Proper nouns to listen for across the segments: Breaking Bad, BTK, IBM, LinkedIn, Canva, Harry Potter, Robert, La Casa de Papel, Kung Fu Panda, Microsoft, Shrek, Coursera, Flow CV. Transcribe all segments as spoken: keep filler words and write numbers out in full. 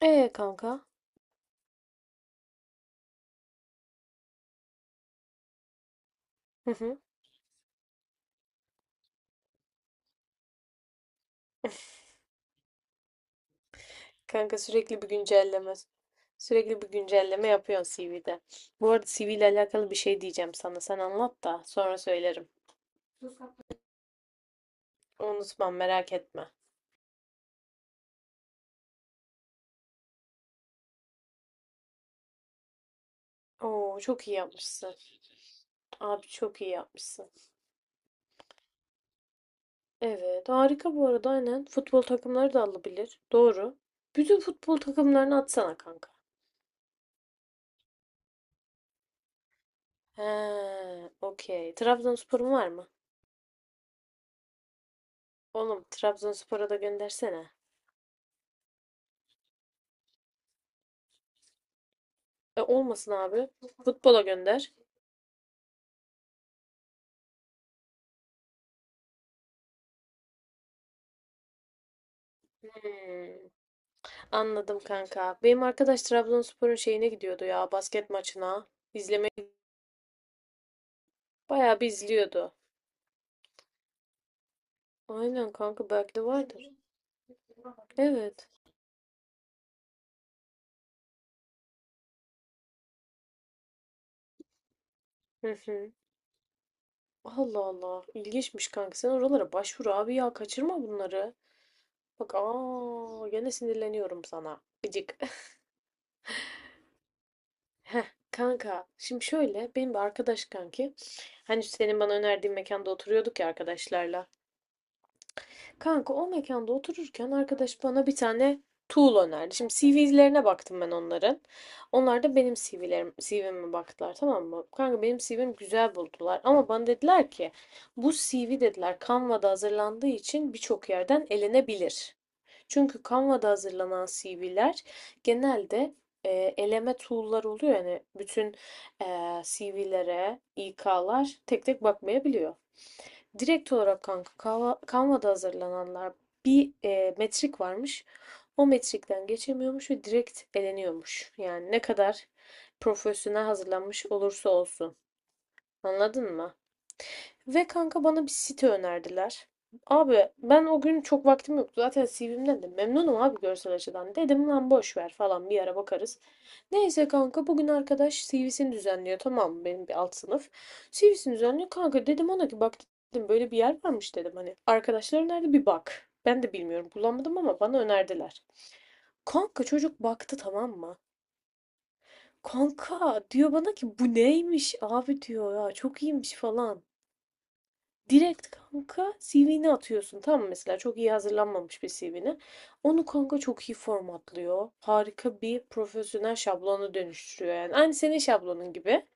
Ee kanka. Hı hı. Kanka sürekli bir güncelleme. Sürekli bir güncelleme yapıyorsun C V'de. Bu arada C V ile alakalı bir şey diyeceğim sana. Sen anlat da sonra söylerim. Unutmam, merak etme. Oo, çok iyi yapmışsın. Abi çok iyi yapmışsın. Evet, harika bu arada aynen. Futbol takımları da alabilir. Doğru. Bütün futbol takımlarını atsana kanka. He, okey. Trabzonspor'un var mı? Oğlum Trabzonspor'a da göndersene. E, olmasın abi. Futbola gönder. Hmm. Anladım kanka. Benim arkadaş Trabzonspor'un şeyine gidiyordu ya, basket maçına. İzlemeye bayağı bir izliyordu. Aynen kanka, belki de vardır. Evet. Hı hı. Allah Allah. İlginçmiş kanka. Sen oralara başvur abi ya. Kaçırma bunları. Bak aa, gene sinirleniyorum sana. Gıcık. Heh, kanka şimdi şöyle, benim bir arkadaş kanki. Hani senin bana önerdiğin mekanda oturuyorduk ya arkadaşlarla. Kanka o mekanda otururken arkadaş bana bir tane tool önerdi. Şimdi C V'lerine baktım ben onların. Onlar da benim C V'lerim C V'me baktılar, tamam mı? Kanka benim C V'mi güzel buldular ama bana dediler ki bu C V dediler Canva'da hazırlandığı için birçok yerden elenebilir. Çünkü Canva'da hazırlanan C V'ler genelde e, eleme tool'lar oluyor. Yani bütün e, C V'lere İK'lar tek tek bakmayabiliyor. Direkt olarak kanka Canva, Canva'da hazırlananlar bir e, metrik varmış. O metrikten geçemiyormuş ve direkt eleniyormuş. Yani ne kadar profesyonel hazırlanmış olursa olsun. Anladın mı? Ve kanka bana bir site önerdiler. Abi ben o gün çok vaktim yoktu. Zaten C V'mden de memnunum abi, görsel açıdan. Dedim lan boş ver falan, bir ara bakarız. Neyse kanka bugün arkadaş C V'sini düzenliyor. Tamam mı? Benim bir alt sınıf. C V'sini düzenliyor. Kanka dedim ona ki bak dedim böyle bir yer varmış dedim. Hani arkadaşlar önerdi, bir bak. Ben de bilmiyorum, bulamadım ama bana önerdiler. Kanka çocuk baktı, tamam mı? Kanka diyor bana ki bu neymiş abi diyor ya, çok iyiymiş falan. Direkt kanka C V'ni atıyorsun. Tamam mı? Mesela çok iyi hazırlanmamış bir C V'ni. Onu kanka çok iyi formatlıyor. Harika bir profesyonel şablonu dönüştürüyor yani. Aynı senin şablonun gibi.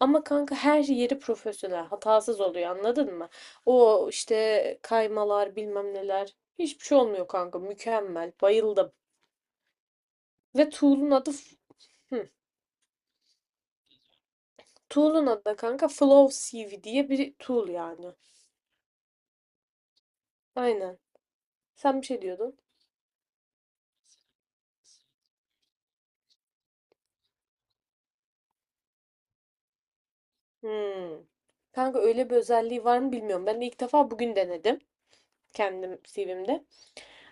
Ama kanka her şey yeri profesyonel. Hatasız oluyor, anladın mı? O işte kaymalar bilmem neler. Hiçbir şey olmuyor kanka. Mükemmel. Bayıldım. Ve tool'un adı hı. Tool'un adı da kanka Flow C V diye bir tool yani. Aynen. Sen bir şey diyordun. Hımm. Kanka öyle bir özelliği var mı bilmiyorum. Ben de ilk defa bugün denedim. Kendim C V'mde.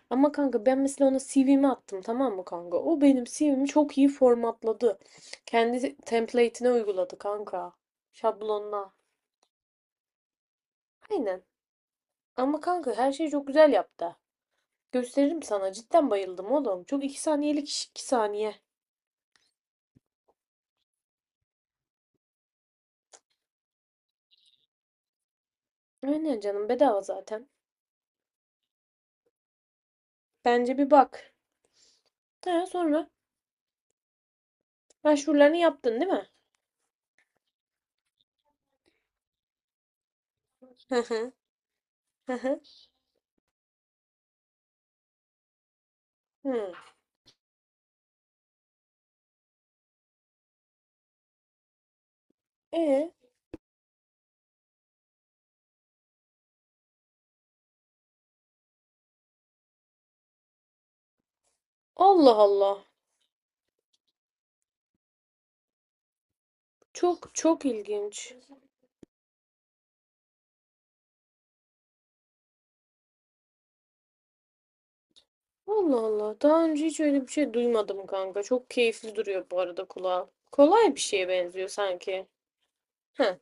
Ama kanka ben mesela ona C V'mi attım tamam mı kanka? O benim C V'mi çok iyi formatladı. Kendi template'ine uyguladı kanka. Şablonuna. Aynen. Ama kanka her şeyi çok güzel yaptı. Gösteririm sana. Cidden bayıldım oğlum. Çok iki saniyelik iş, iki saniye. Aynen canım, bedava zaten. Bence bir bak. Ha, sonra başvurularını yaptın değil mi? Hı hı. Hı hı. Hı. E Allah Allah. Çok çok ilginç. Allah Allah. Daha önce hiç öyle bir şey duymadım kanka. Çok keyifli duruyor bu arada kulağa. Kolay bir şeye benziyor sanki. Heh.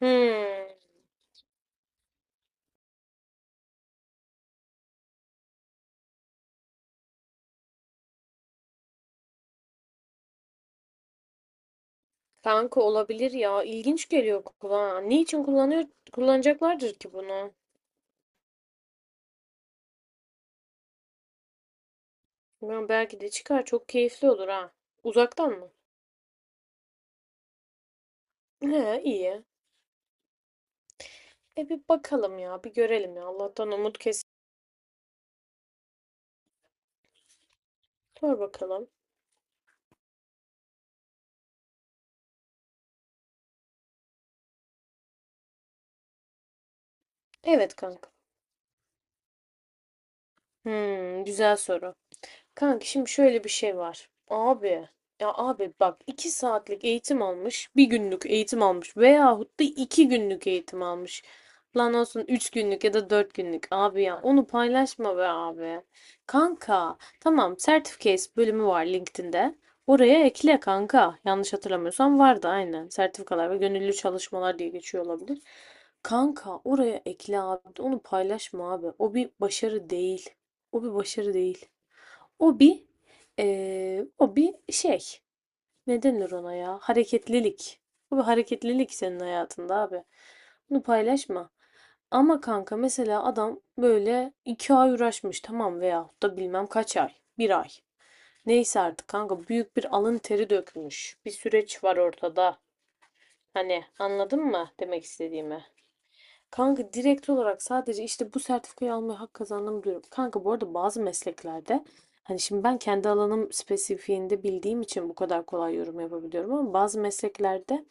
Hmm. Kanka olabilir ya. İlginç geliyor kulağa. Ne için kullanıyor, kullanacaklardır ki bunu? Ben belki de çıkar. Çok keyifli olur ha. Uzaktan mı? He, iyi. E bir bakalım ya. Bir görelim ya. Allah'tan umut kesin. Sor bakalım. Evet kanka. Hmm, güzel soru. Kanka şimdi şöyle bir şey var. Abi ya abi bak, iki saatlik eğitim almış, bir günlük eğitim almış veyahut da iki günlük eğitim almış. Lan olsun, üç günlük ya da dört günlük abi ya, onu paylaşma be abi. Kanka tamam, Certificates bölümü var LinkedIn'de. Oraya ekle kanka. Yanlış hatırlamıyorsam vardı aynen. Sertifikalar ve gönüllü çalışmalar diye geçiyor olabilir. Kanka oraya ekle abi. Onu paylaşma abi. O bir başarı değil. O bir başarı değil. O bir eee, o bir şey. Ne denir ona ya? Hareketlilik. O bir hareketlilik senin hayatında abi. Bunu paylaşma. Ama kanka mesela adam böyle iki ay uğraşmış tamam veyahut da bilmem kaç ay. Bir ay. Neyse artık kanka büyük bir alın teri dökmüş. Bir süreç var ortada. Hani anladın mı demek istediğimi? Kanka direkt olarak sadece işte bu sertifikayı almaya hak kazandım diyorum. Kanka bu arada bazı mesleklerde hani şimdi ben kendi alanım spesifiğinde bildiğim için bu kadar kolay yorum yapabiliyorum ama bazı mesleklerde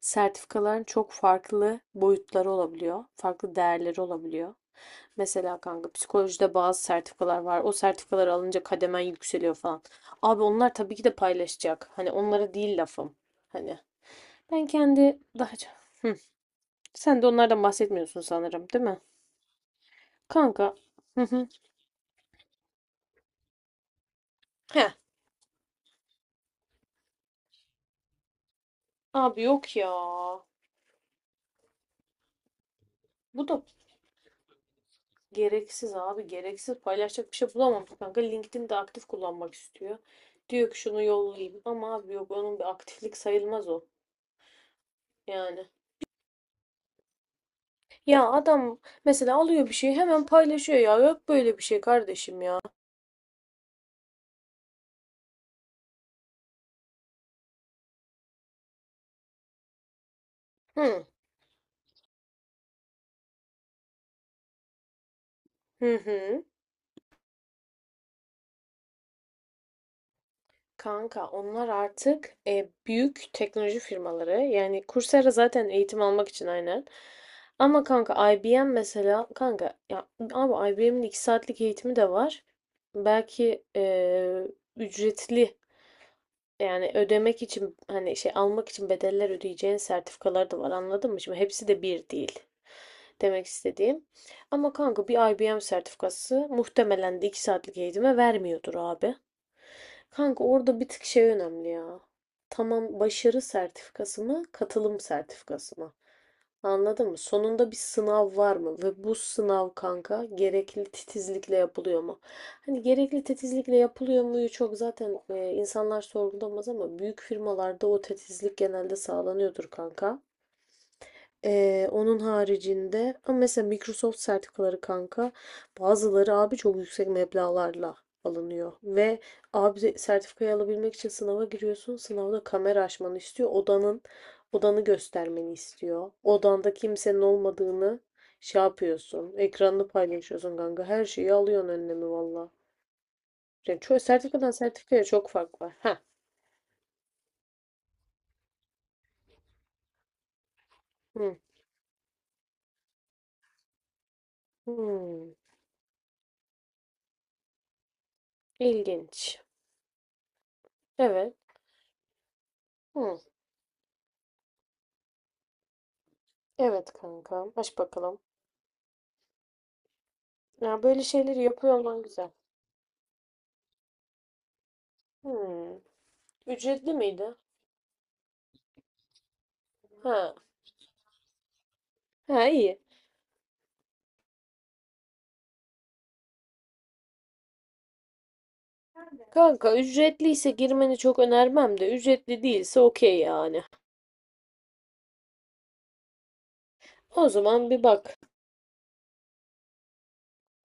sertifikaların çok farklı boyutları olabiliyor. Farklı değerleri olabiliyor. Mesela kanka psikolojide bazı sertifikalar var. O sertifikaları alınca kademen yükseliyor falan. Abi onlar tabii ki de paylaşacak. Hani onlara değil lafım. Hani ben kendi daha... Hı. Sen de onlardan bahsetmiyorsun sanırım, değil mi? Kanka. Hı hı. Heh. Abi yok ya. Bu da gereksiz abi. Gereksiz paylaşacak bir şey bulamamış kanka. LinkedIn'de aktif kullanmak istiyor. Diyor ki şunu yollayayım. Ama abi yok, onun bir aktiflik sayılmaz o. Yani. Ya adam mesela alıyor bir şeyi hemen paylaşıyor ya. Yok böyle bir şey kardeşim ya. Hı. Hı hı. Kanka onlar artık e, büyük teknoloji firmaları. Yani Coursera zaten eğitim almak için aynen. Ama kanka I B M mesela, kanka ya abi I B M'in iki saatlik eğitimi de var. Belki e, ücretli, yani ödemek için hani şey almak için bedeller ödeyeceğin sertifikalar da var, anladın mı? Şimdi hepsi de bir değil. Demek istediğim. Ama kanka bir I B M sertifikası muhtemelen de iki saatlik eğitime vermiyordur abi. Kanka orada bir tık şey önemli ya. Tamam, başarı sertifikası mı, katılım sertifikası mı? Anladın mı? Sonunda bir sınav var mı? Ve bu sınav kanka gerekli titizlikle yapılıyor mu? Hani gerekli titizlikle yapılıyor muyu çok zaten e, insanlar sorgulamaz ama büyük firmalarda o titizlik genelde sağlanıyordur kanka. Ee, onun haricinde ama mesela Microsoft sertifikaları kanka, bazıları abi çok yüksek meblağlarla alınıyor ve abi de- sertifikayı alabilmek için sınava giriyorsun, sınavda kamera açmanı istiyor, odanın odanı göstermeni istiyor, odanda kimsenin olmadığını şey yapıyorsun, ekranını paylaşıyorsun kanka, her şeyi alıyorsun önlemi, valla yani çok sertifikadan sertifikaya çok fark var ha. Hı. Hmm. ilginç evet. Hı. Evet kanka, aç bakalım. Ya böyle şeyleri yapıyor olman güzel. Hmm. Ücretli miydi? Ha. Ha iyi. Kanka ücretliyse girmeni çok önermem de ücretli değilse okey yani. O zaman bir bak.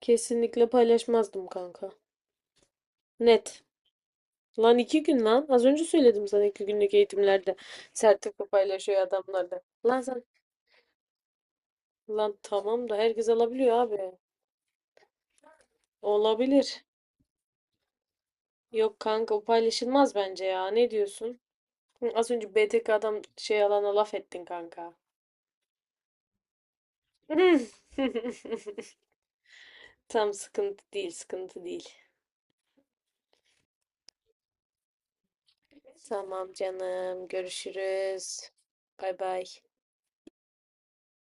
Kesinlikle paylaşmazdım kanka. Net. Lan iki gün lan. Az önce söyledim sana, iki günlük eğitimlerde sertifika paylaşıyor adamlar da. Lan sen. Lan tamam da herkes alabiliyor abi. Olabilir. Yok kanka, o paylaşılmaz bence ya. Ne diyorsun? Hı, az önce B T K adam şey alana laf ettin kanka. Tam sıkıntı değil, sıkıntı değil. Tamam canım, görüşürüz. Bay bay.